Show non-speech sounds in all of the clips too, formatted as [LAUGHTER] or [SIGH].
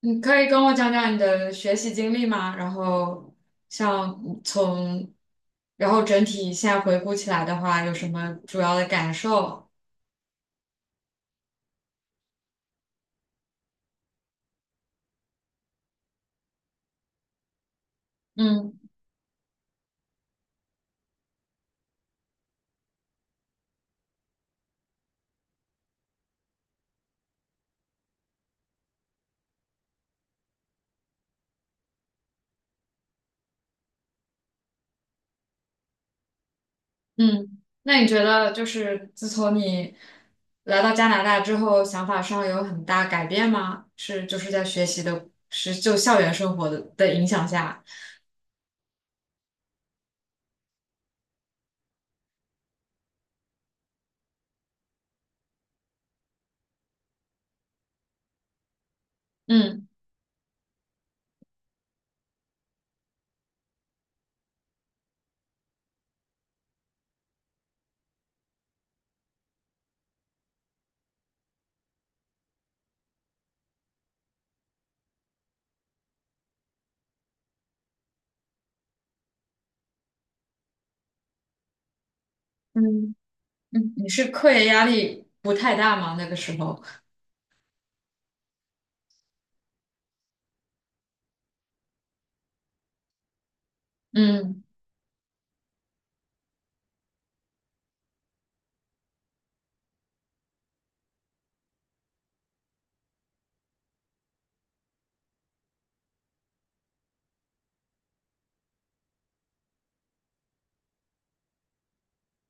你可以跟我讲讲你的学习经历吗？然后像从，然后整体现在回顾起来的话，有什么主要的感受？嗯嗯，那你觉得就是自从你来到加拿大之后，想法上有很大改变吗？是就是在学习的，是就校园生活的影响下，嗯，嗯嗯，你是课业压力不太大吗？那个时候，嗯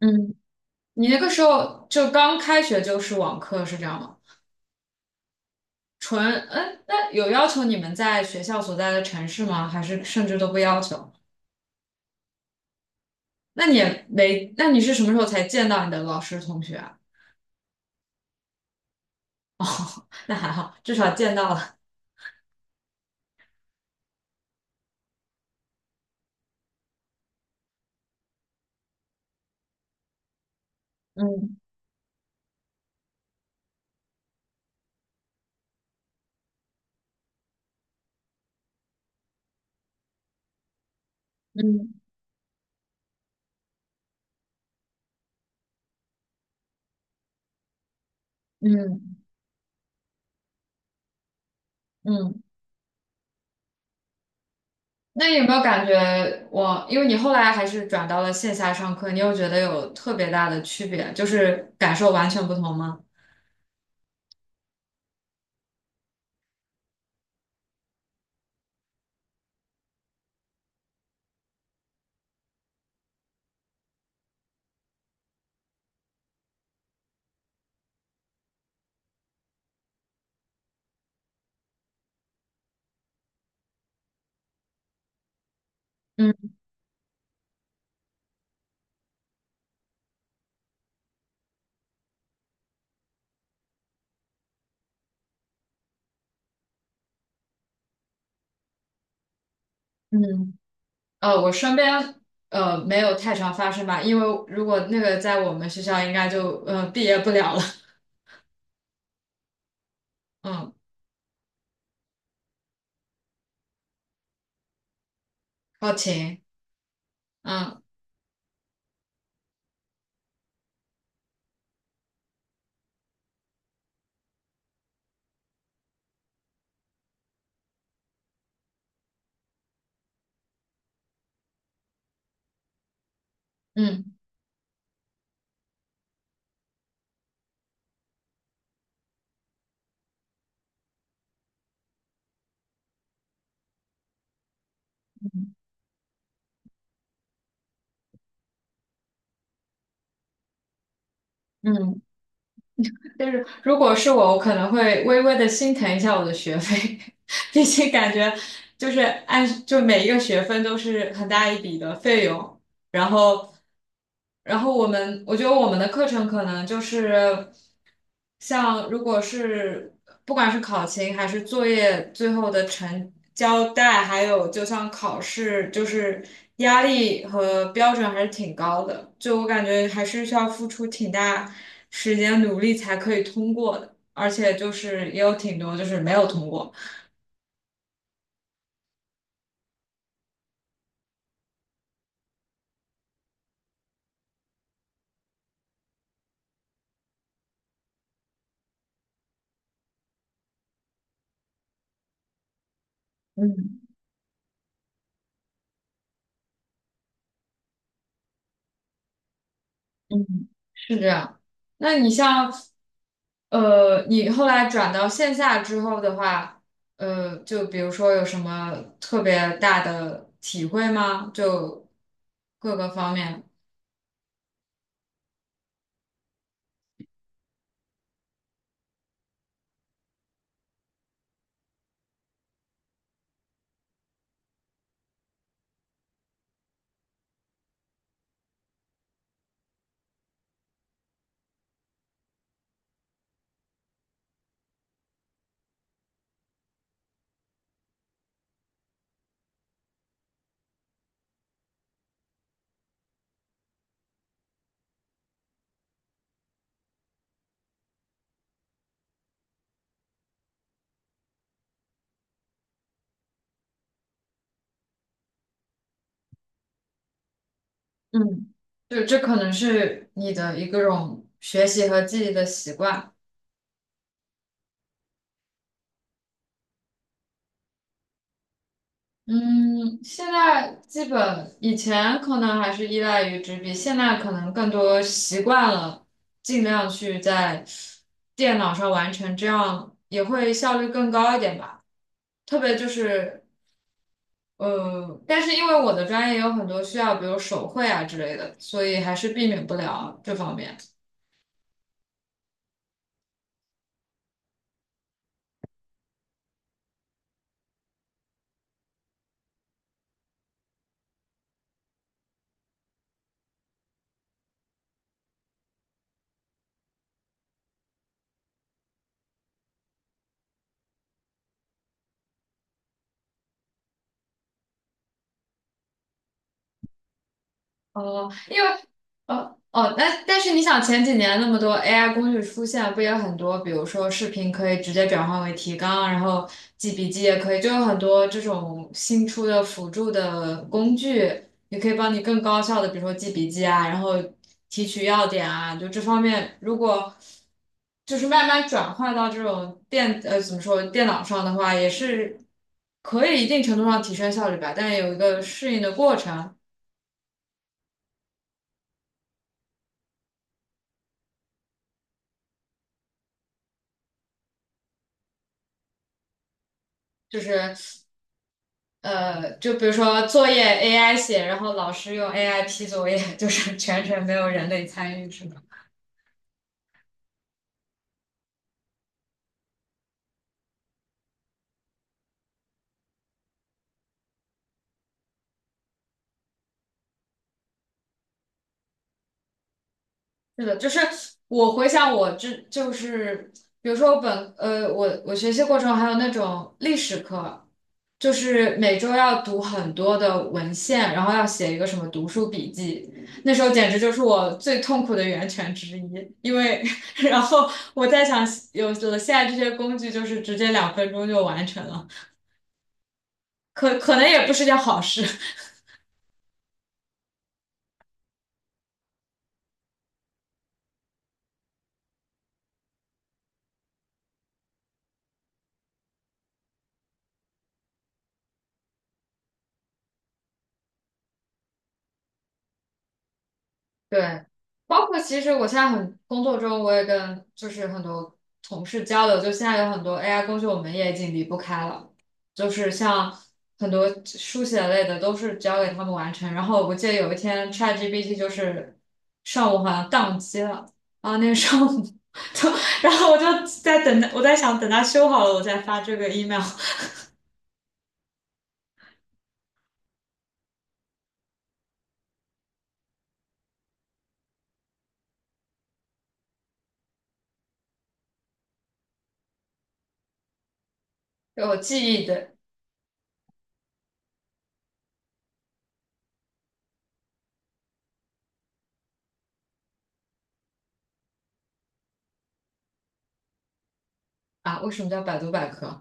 嗯。你那个时候就刚开学就是网课是这样吗？纯，嗯，那有要求你们在学校所在的城市吗？还是甚至都不要求？那你也没，那你是什么时候才见到你的老师同学啊？[LAUGHS] 那还好，至少见到了。嗯。嗯嗯嗯。那你有没有感觉我，因为你后来还是转到了线下上课，你有觉得有特别大的区别，就是感受完全不同吗？嗯，嗯我身边没有太常发生吧，因为如果那个在我们学校，应该就毕业不了了。[LAUGHS] 嗯，好勤，嗯嗯嗯，就是如果是我，我可能会微微的心疼一下我的学费，[LAUGHS] 毕竟感觉就是按就每一个学分都是很大一笔的费用。然后，我觉得我们的课程可能就是，像如果是不管是考勤还是作业最后的成交代，还有就像考试，就是压力和标准还是挺高的，就我感觉还是需要付出挺大时间努力才可以通过的，而且就是也有挺多就是没有通过。嗯。嗯，是这样。那你像，你后来转到线下之后的话，就比如说有什么特别大的体会吗？就各个方面，嗯，就这可能是你的一个种学习和记忆的习惯。嗯，现在基本以前可能还是依赖于纸笔，现在可能更多习惯了，尽量去在电脑上完成，这样也会效率更高一点吧。特别就是但是因为我的专业有很多需要，比如手绘啊之类的，所以还是避免不了这方面。哦，因为哦，那但是你想前几年那么多 AI 工具出现，不也很多？比如说视频可以直接转换为提纲，然后记笔记也可以，就有很多这种新出的辅助的工具，也可以帮你更高效的，比如说记笔记啊，然后提取要点啊，就这方面，如果就是慢慢转换到这种电呃怎么说电脑上的话，也是可以一定程度上提升效率吧，但有一个适应的过程，就是。就比如说作业 AI 写，然后老师用 AI 批作业，[LAUGHS] 就是全程没有人类参与，是吗？是的，就是我回想我这就是比如说我本呃我我学习过程还有那种历史课，就是每周要读很多的文献，然后要写一个什么读书笔记，那时候简直就是我最痛苦的源泉之一，因为 [LAUGHS] 然后我在想有了现在这些工具，就是直接2分钟就完成了。可能也不是件好事。[LAUGHS] 对，包括其实我现在很工作中，我也跟就是很多同事交流，就现在有很多 AI 工具，我们也已经离不开了，就是像很多书写类的都是交给他们完成。然后我记得有一天 ChatGPT 就是上午好像宕机了，啊，那个上午，[LAUGHS] 然后我就在等它，我在想等它修好了我再发这个 email。我记忆的啊，为什么叫百度百科？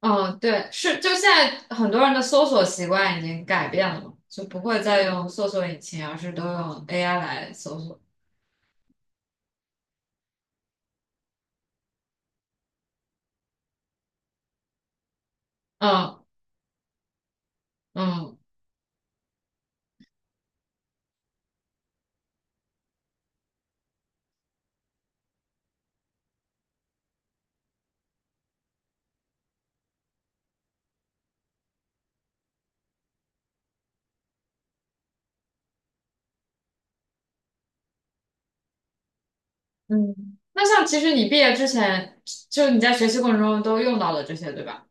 嗯，对，是，就现在很多人的搜索习惯已经改变了嘛，就不会再用搜索引擎，而是都用 AI 来搜索。嗯。嗯嗯。那像其实你毕业之前，就你在学习过程中都用到了这些，对吧？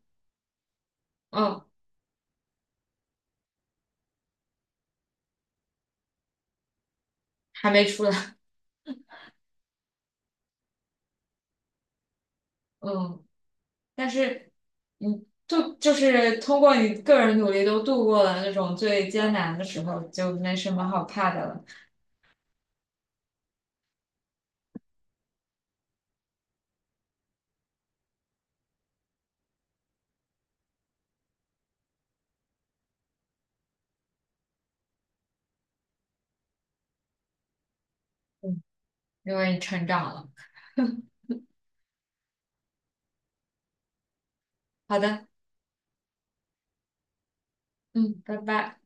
嗯，还没出来。嗯，但是你就就是通过你个人努力都度过了那种最艰难的时候，就没什么好怕的了。嗯，因为你成长了。好的，嗯，拜拜。